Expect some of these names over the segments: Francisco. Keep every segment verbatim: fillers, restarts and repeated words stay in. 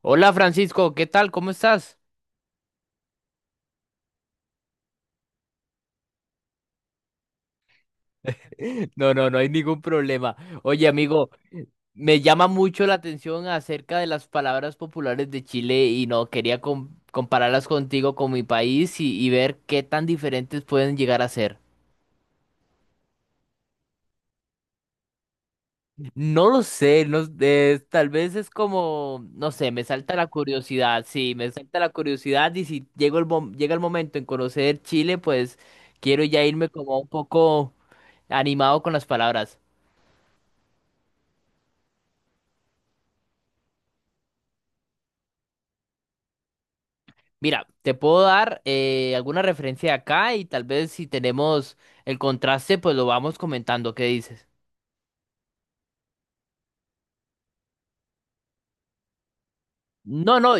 Hola Francisco, ¿qué tal? ¿Cómo estás? No, no, no hay ningún problema. Oye, amigo, me llama mucho la atención acerca de las palabras populares de Chile y no quería com- compararlas contigo con mi país y, y ver qué tan diferentes pueden llegar a ser. No lo sé, no, eh, tal vez es como, no sé, me salta la curiosidad, sí, me salta la curiosidad y si llego el mom- llega el momento en conocer Chile, pues quiero ya irme como un poco animado con las palabras. Mira, te puedo dar eh, alguna referencia acá y tal vez si tenemos el contraste, pues lo vamos comentando. ¿Qué dices? No, no,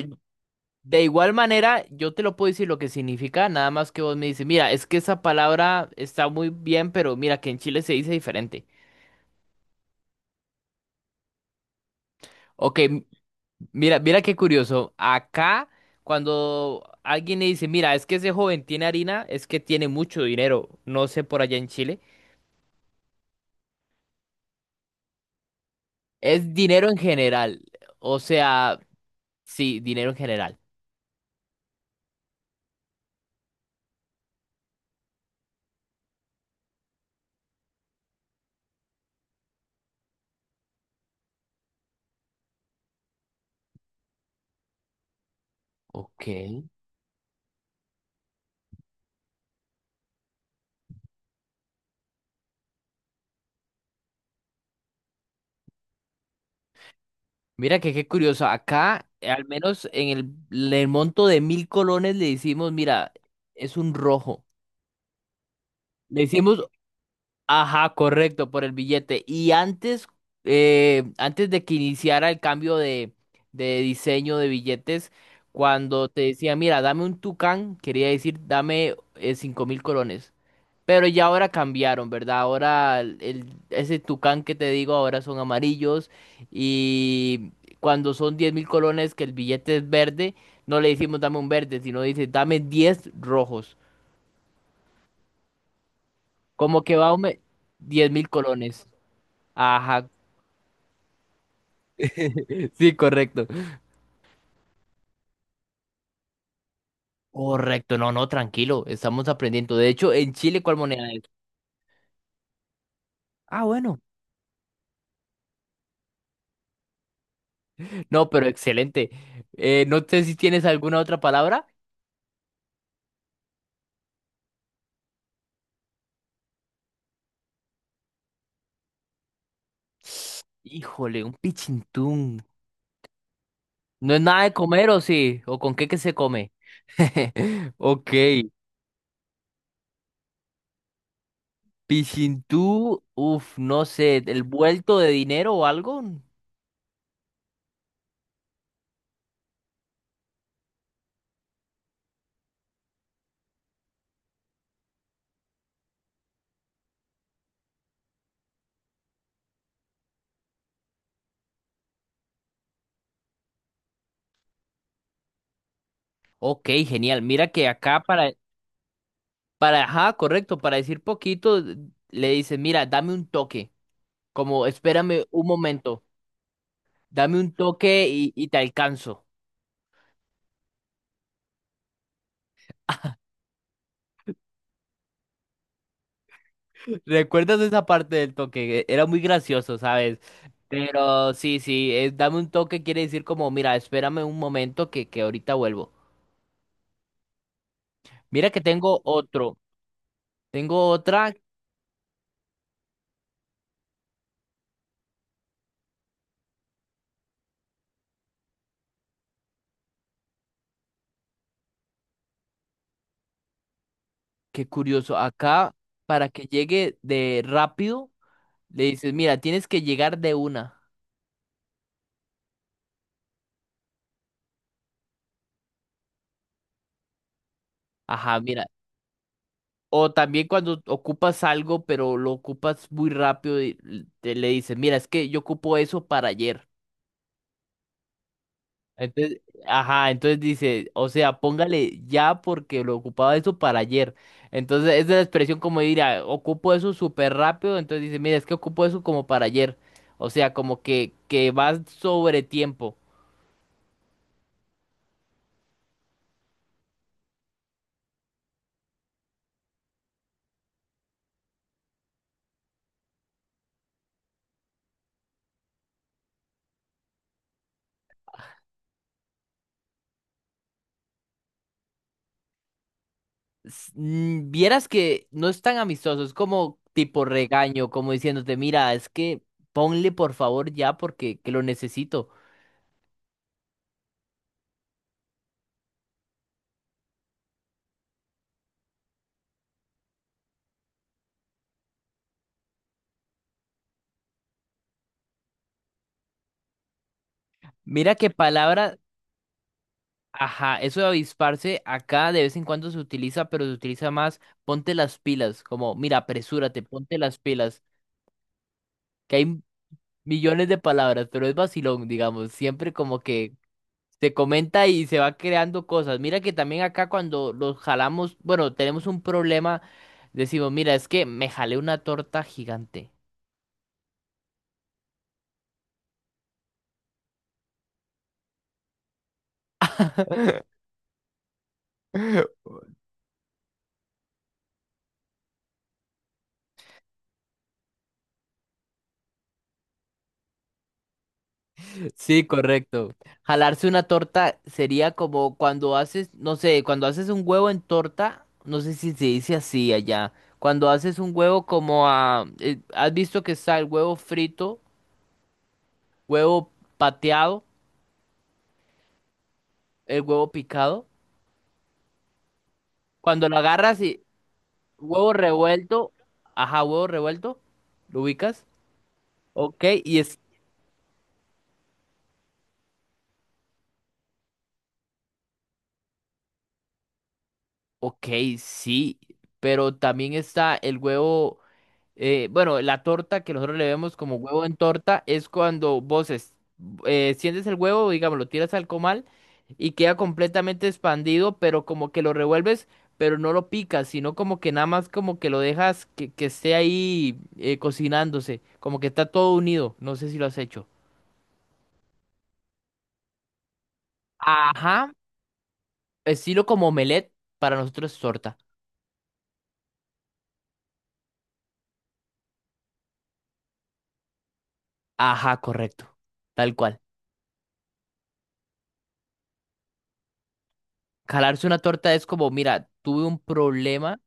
de igual manera yo te lo puedo decir lo que significa, nada más que vos me dices, mira, es que esa palabra está muy bien, pero mira que en Chile se dice diferente. Ok, m- mira, mira qué curioso. Acá, cuando alguien le dice, mira, es que ese joven tiene harina, es que tiene mucho dinero, no sé por allá en Chile, es dinero en general, o sea, sí, dinero en general. Ok. Mira que qué curioso. Acá, eh, al menos en el, le- el monto de mil colones, le decimos, mira, es un rojo. Le decimos, ajá, correcto, por el billete. Y antes, eh, antes de que iniciara el cambio de, de diseño de billetes, cuando te decía, mira, dame un tucán, quería decir, dame eh, cinco mil colones. Pero ya ahora cambiaron, ¿verdad? Ahora el, el- ese tucán que te digo ahora son amarillos y cuando son diez mil colones que el billete es verde, no le decimos dame un verde, sino dice dame diez rojos. Como que va a aume- diez mil colones. Ajá, sí, correcto. Correcto, no, no, tranquilo, estamos aprendiendo. De hecho, en Chile, ¿cuál moneda es? Ah, bueno. No, pero excelente. Eh, no sé si tienes alguna otra palabra. Híjole, un pichintún. ¿No es nada de comer o sí? ¿O con qué que se come? Ok, Pichintú, uff, no sé, ¿el vuelto de dinero o algo? Ok, genial. Mira que acá para, para, ajá, correcto, para decir poquito, le dices, mira, dame un toque, como espérame un momento, dame un toque y, y te alcanzo. ¿Recuerdas esa parte del toque? E- Era muy gracioso, ¿sabes? Pero sí, sí, es, dame un toque quiere decir como, mira, espérame un momento que, que ahorita vuelvo. Mira que tengo otro, tengo otra que curioso, acá para que llegue de rápido, le dices, mira, tienes que llegar de una. Ajá, mira. O también cuando ocupas algo, pero lo ocupas muy rápido y l- te- le dices, mira, es que yo ocupo eso para ayer. Entonces, ajá, entonces dice, o sea, póngale ya porque lo ocupaba eso para ayer. Entonces, esa es la expresión como de dirá, ocupo eso súper rápido. Entonces dice, mira, es que ocupo eso como para ayer. O sea, como que, que va sobre tiempo. S- mm, Vieras que no es tan amistoso, es como tipo regaño, como diciéndote, mira, es que ponle por favor ya porque que lo necesito. Mira qué palabra. Ajá, eso de avisparse acá de vez en cuando se utiliza, pero se utiliza más ponte las pilas, como mira, apresúrate, ponte las pilas, que hay millones de palabras, pero es vacilón, digamos, siempre como que se comenta y se va creando cosas. Mira que también acá cuando los jalamos, bueno, tenemos un problema, decimos, mira, es que me jalé una torta gigante. Sí, correcto. Jalarse una torta sería como cuando haces, no sé, cuando haces un huevo en torta, no sé si se dice así allá. Cuando haces un huevo como a, eh, ¿has visto que está el huevo frito, huevo pateado, el huevo picado? Cuando lo agarras y huevo revuelto, ajá, huevo revuelto, ¿lo ubicas? Ok, y es, ok, sí, pero también está el huevo. Eh, bueno, la torta que nosotros le vemos como huevo en torta es cuando vos es- eh, sientes el huevo, digamos, lo tiras al comal y queda completamente expandido, pero como que lo revuelves, pero no lo picas, sino como que nada más como que lo dejas que, que esté ahí eh, cocinándose, como que está todo unido. No sé si lo has hecho. Ajá, estilo como omelette, para nosotros es torta. Ajá, correcto, tal cual. Calarse una torta es como, mira, tuve un problema.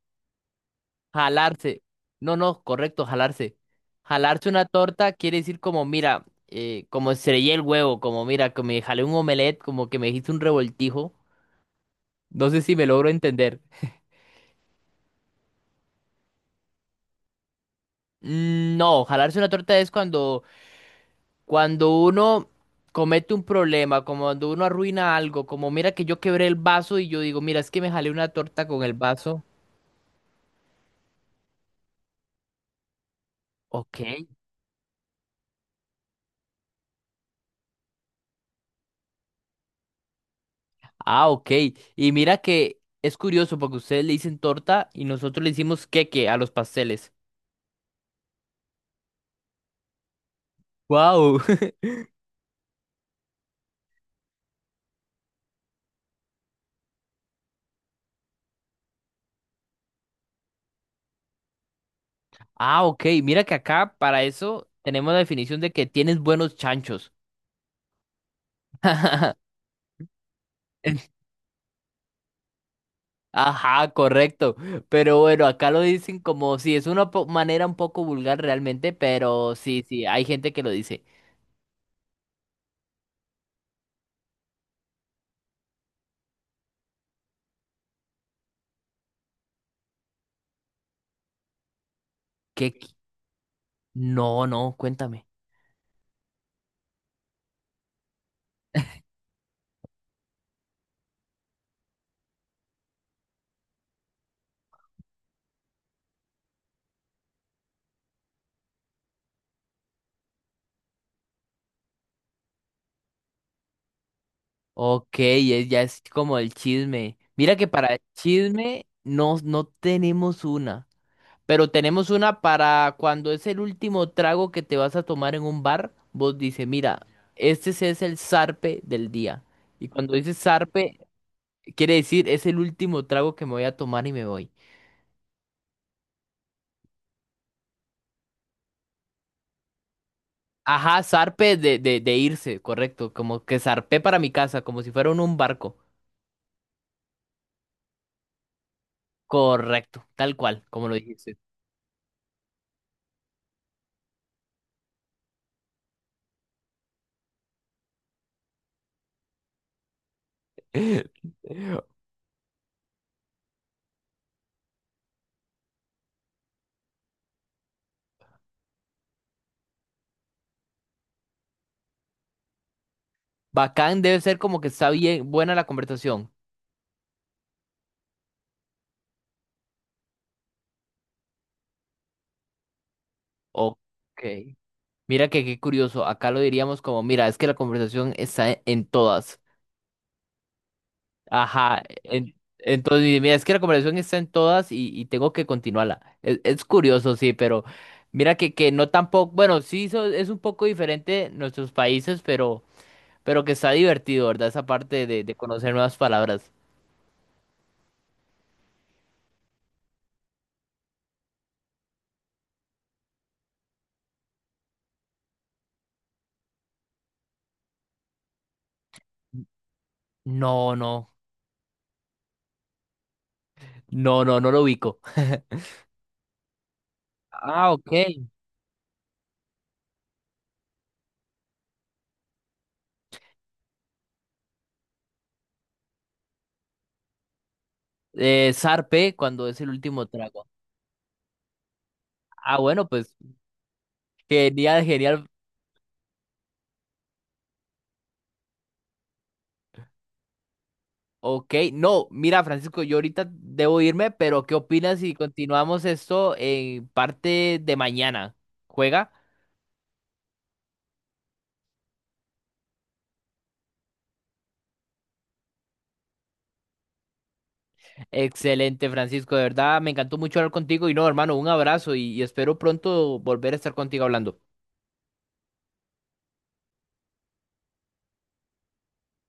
Jalarse. No, no, correcto, jalarse. Jalarse una torta quiere decir como, mira, eh, como estrellé el huevo, como, mira, que me jalé un omelette, como que me hice un revoltijo. No sé si me logro entender. Mm, no, jalarse una torta es cuando, cuando, uno comete un problema, como cuando uno arruina algo, como, mira, que yo quebré el vaso y yo digo, mira, es que me jalé una torta con el vaso. Ok. Ah, ok. Y mira que es curioso porque ustedes le dicen torta y nosotros le decimos queque a los pasteles. Wow. Ah, ok. Mira que acá para eso tenemos la definición de que tienes buenos chanchos. Ajá, correcto. Pero bueno, acá lo dicen como si es una po- manera un poco vulgar realmente, pero sí, sí, hay gente que lo dice. ¿Qué? qui- No, no, cuéntame. Ok, es- ya es como el chisme. Mira que para chisme no, no tenemos una. Pero tenemos una para cuando es el último trago que te vas a tomar en un bar, vos dices, mira, este sí es el zarpe del día. Y cuando dices zarpe, quiere decir es el último trago que me voy a tomar y me voy. Ajá, zarpe de, de, de irse, correcto. Como que zarpé para mi casa, como si fuera en un barco. Correcto, tal cual, como lo dijiste. Bacán debe ser como que está bien, buena la conversación. Ok. Mira que qué curioso. Acá lo diríamos como, mira, es que la conversación está en todas. Ajá, en- entonces, mira, es que la conversación está en todas y, y tengo que continuarla. Es, es curioso, sí, pero mira que, que no tampoco, bueno, sí so- es un poco diferente nuestros países, pero, pero que está divertido, ¿verdad? Esa parte de, de conocer nuevas palabras. No, no, no, no, no lo ubico. Ah, ok. Eh, zarpe cuando es el último trago. Ah, bueno, pues genial, genial. Ok, no, mira, Francisco, yo ahorita debo irme, pero ¿qué opinas si continuamos esto en parte de mañana? ¿Juega? Excelente, Francisco, de verdad, me encantó mucho hablar contigo y no, hermano, un abrazo y, y espero pronto volver a estar contigo hablando.